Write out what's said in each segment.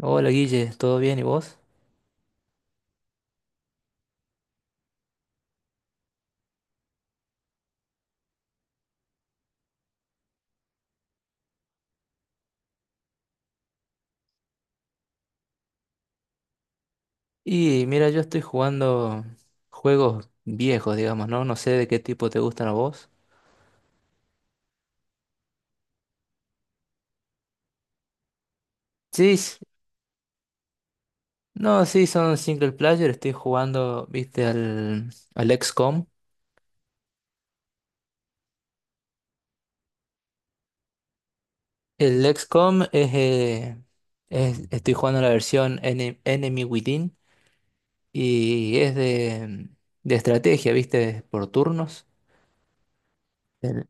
Hola Guille, ¿todo bien y vos? Y mira, yo estoy jugando juegos viejos, digamos, ¿no? No sé de qué tipo te gustan a vos. Sí, s- no, sí, son single player, estoy jugando, viste, al XCOM. El XCOM es, estoy jugando la versión Enemy Within y es de estrategia, viste, por turnos. El-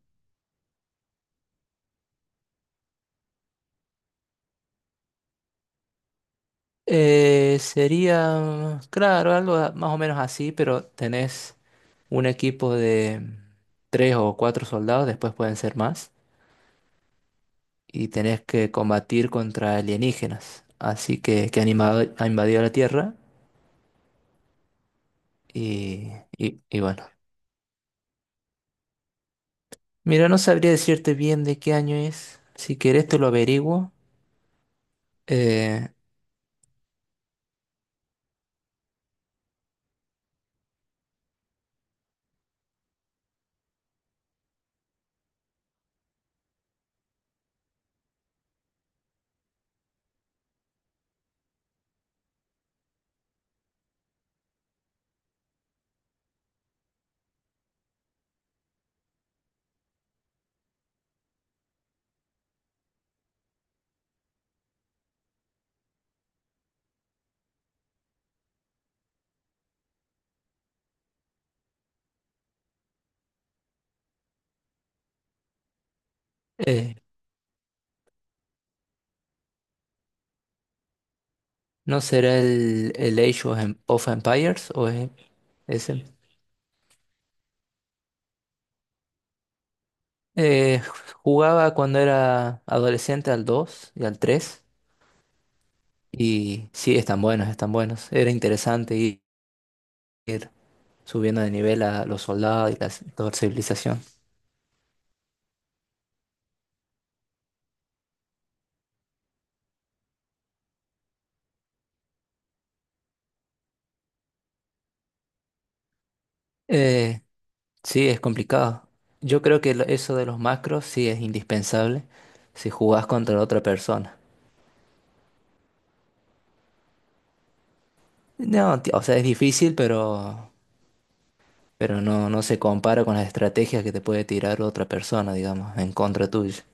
Sería, claro, más o menos así, pero tenés un equipo de tres o cuatro soldados, después pueden ser más, y tenés que combatir contra alienígenas, así que, han invadido la Tierra y, y bueno. Mira, no sabría decirte bien de qué año es, si querés te lo averiguo. Eh, eh, ¿No será el Age of Empires o es ese? Eh, Jugaba cuando era adolescente al 2 y al tres. Y sí, están buenos, están buenos. Era interesante ir subiendo de nivel a los soldados y toda la civilización. Eh, sí, es complicado. Yo creo que eso de los macros sí es indispensable si jugás contra otra persona. No, o sea, es difícil, pero no, no se compara con las estrategias que te puede tirar otra persona, digamos, en contra tuya.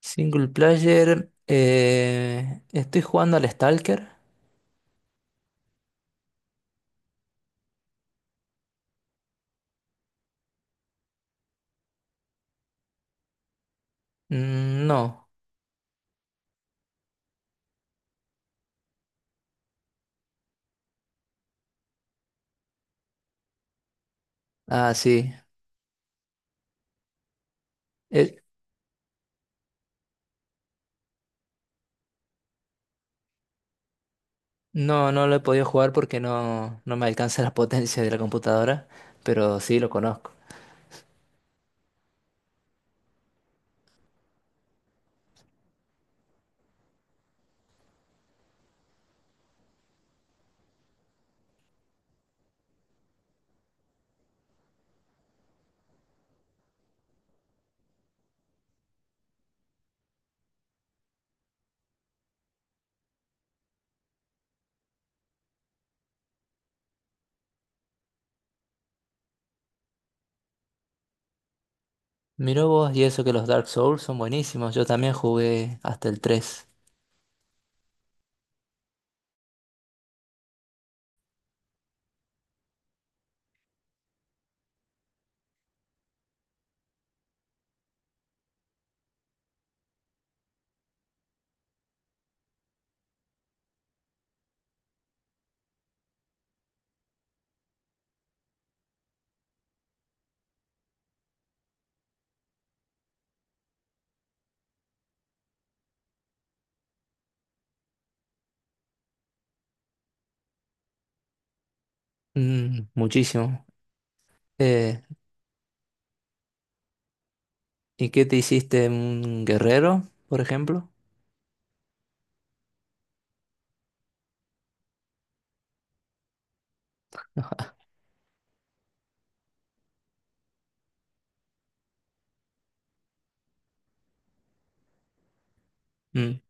Single player, estoy jugando al Stalker. Mm, no. Ah, sí. E- No, no lo he podido jugar porque no, no me alcanza la potencia de la computadora, pero sí lo conozco. Mirá vos, y eso que los Dark Souls son buenísimos. Yo también jugué hasta el tres. Mm, muchísimo. Eh, ¿Y qué te hiciste? ¿Un guerrero, por ejemplo? Mm.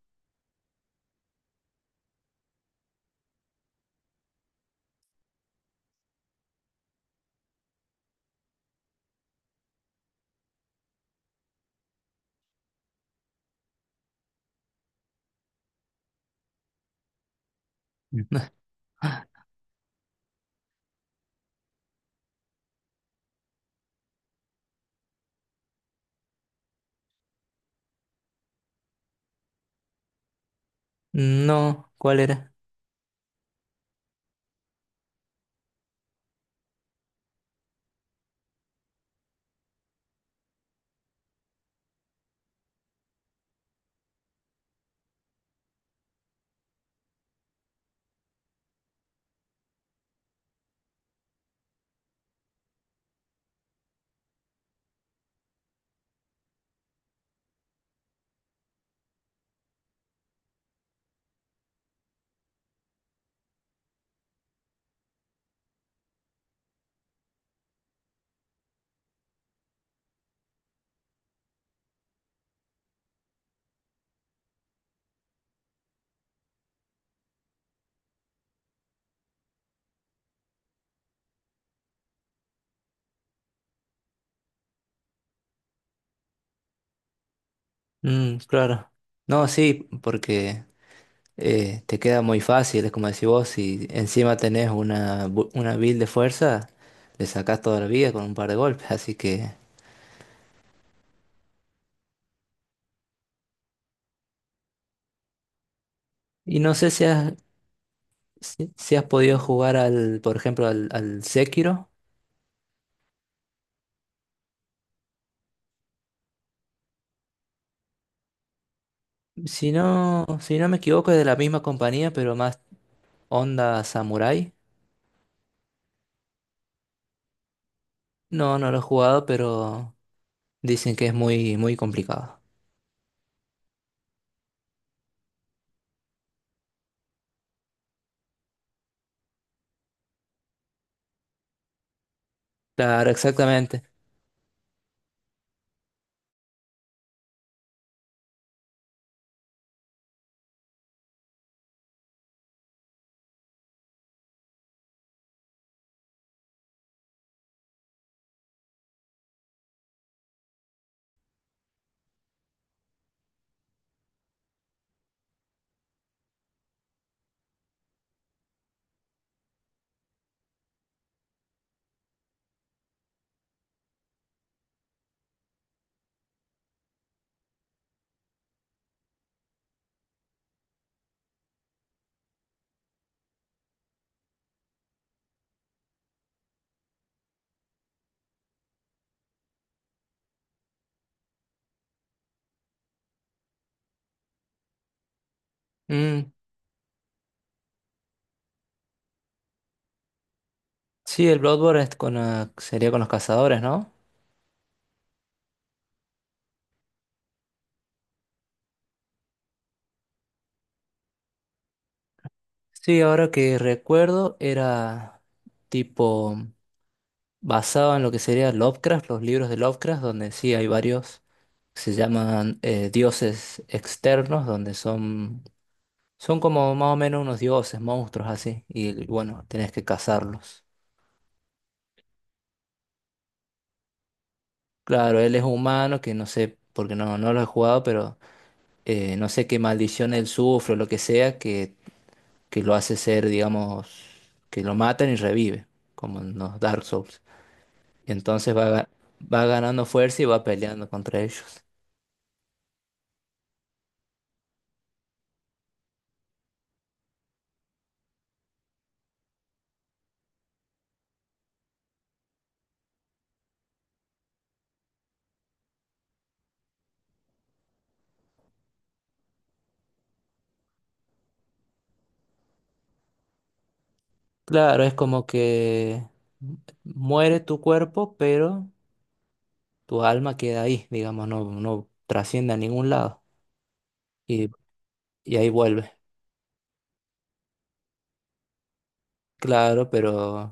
Mm. No, ¿cuál era? Mm, claro. No, sí, porque te queda muy fácil, es como decís vos, si encima tenés una build de fuerza, le sacás toda la vida con un par de golpes, así que... Y no sé si has, si has podido jugar al, por ejemplo, al Sekiro. Si no, si no me equivoco, es de la misma compañía, pero más onda Samurai. No, no lo he jugado, pero dicen que es muy, muy complicado. Claro, exactamente. Mm, sí, el Bloodborne es con, ah, sería con los cazadores, ¿no? Sí, ahora que recuerdo, era tipo basado en lo que sería Lovecraft, los libros de Lovecraft, donde sí hay varios que se llaman dioses externos, donde son, son como más o menos unos dioses, monstruos así, y bueno, tenés que cazarlos. Claro, él es humano, que no sé, porque no, no lo he jugado, pero no sé qué maldición él sufre o lo que sea, que lo hace ser, digamos, que lo matan y revive, como en los Dark Souls. Entonces va ganando fuerza y va peleando contra ellos. Claro, es como que muere tu cuerpo, pero tu alma queda ahí, digamos, no, no trasciende a ningún lado. Y, y ahí vuelve. Claro, pero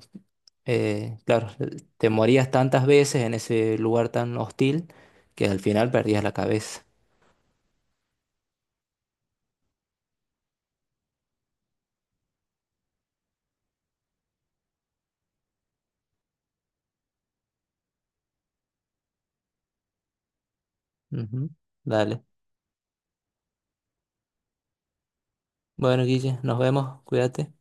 claro, te morías tantas veces en ese lugar tan hostil que al final perdías la cabeza. Ujú. Dale. Bueno, Guille, nos vemos, cuídate.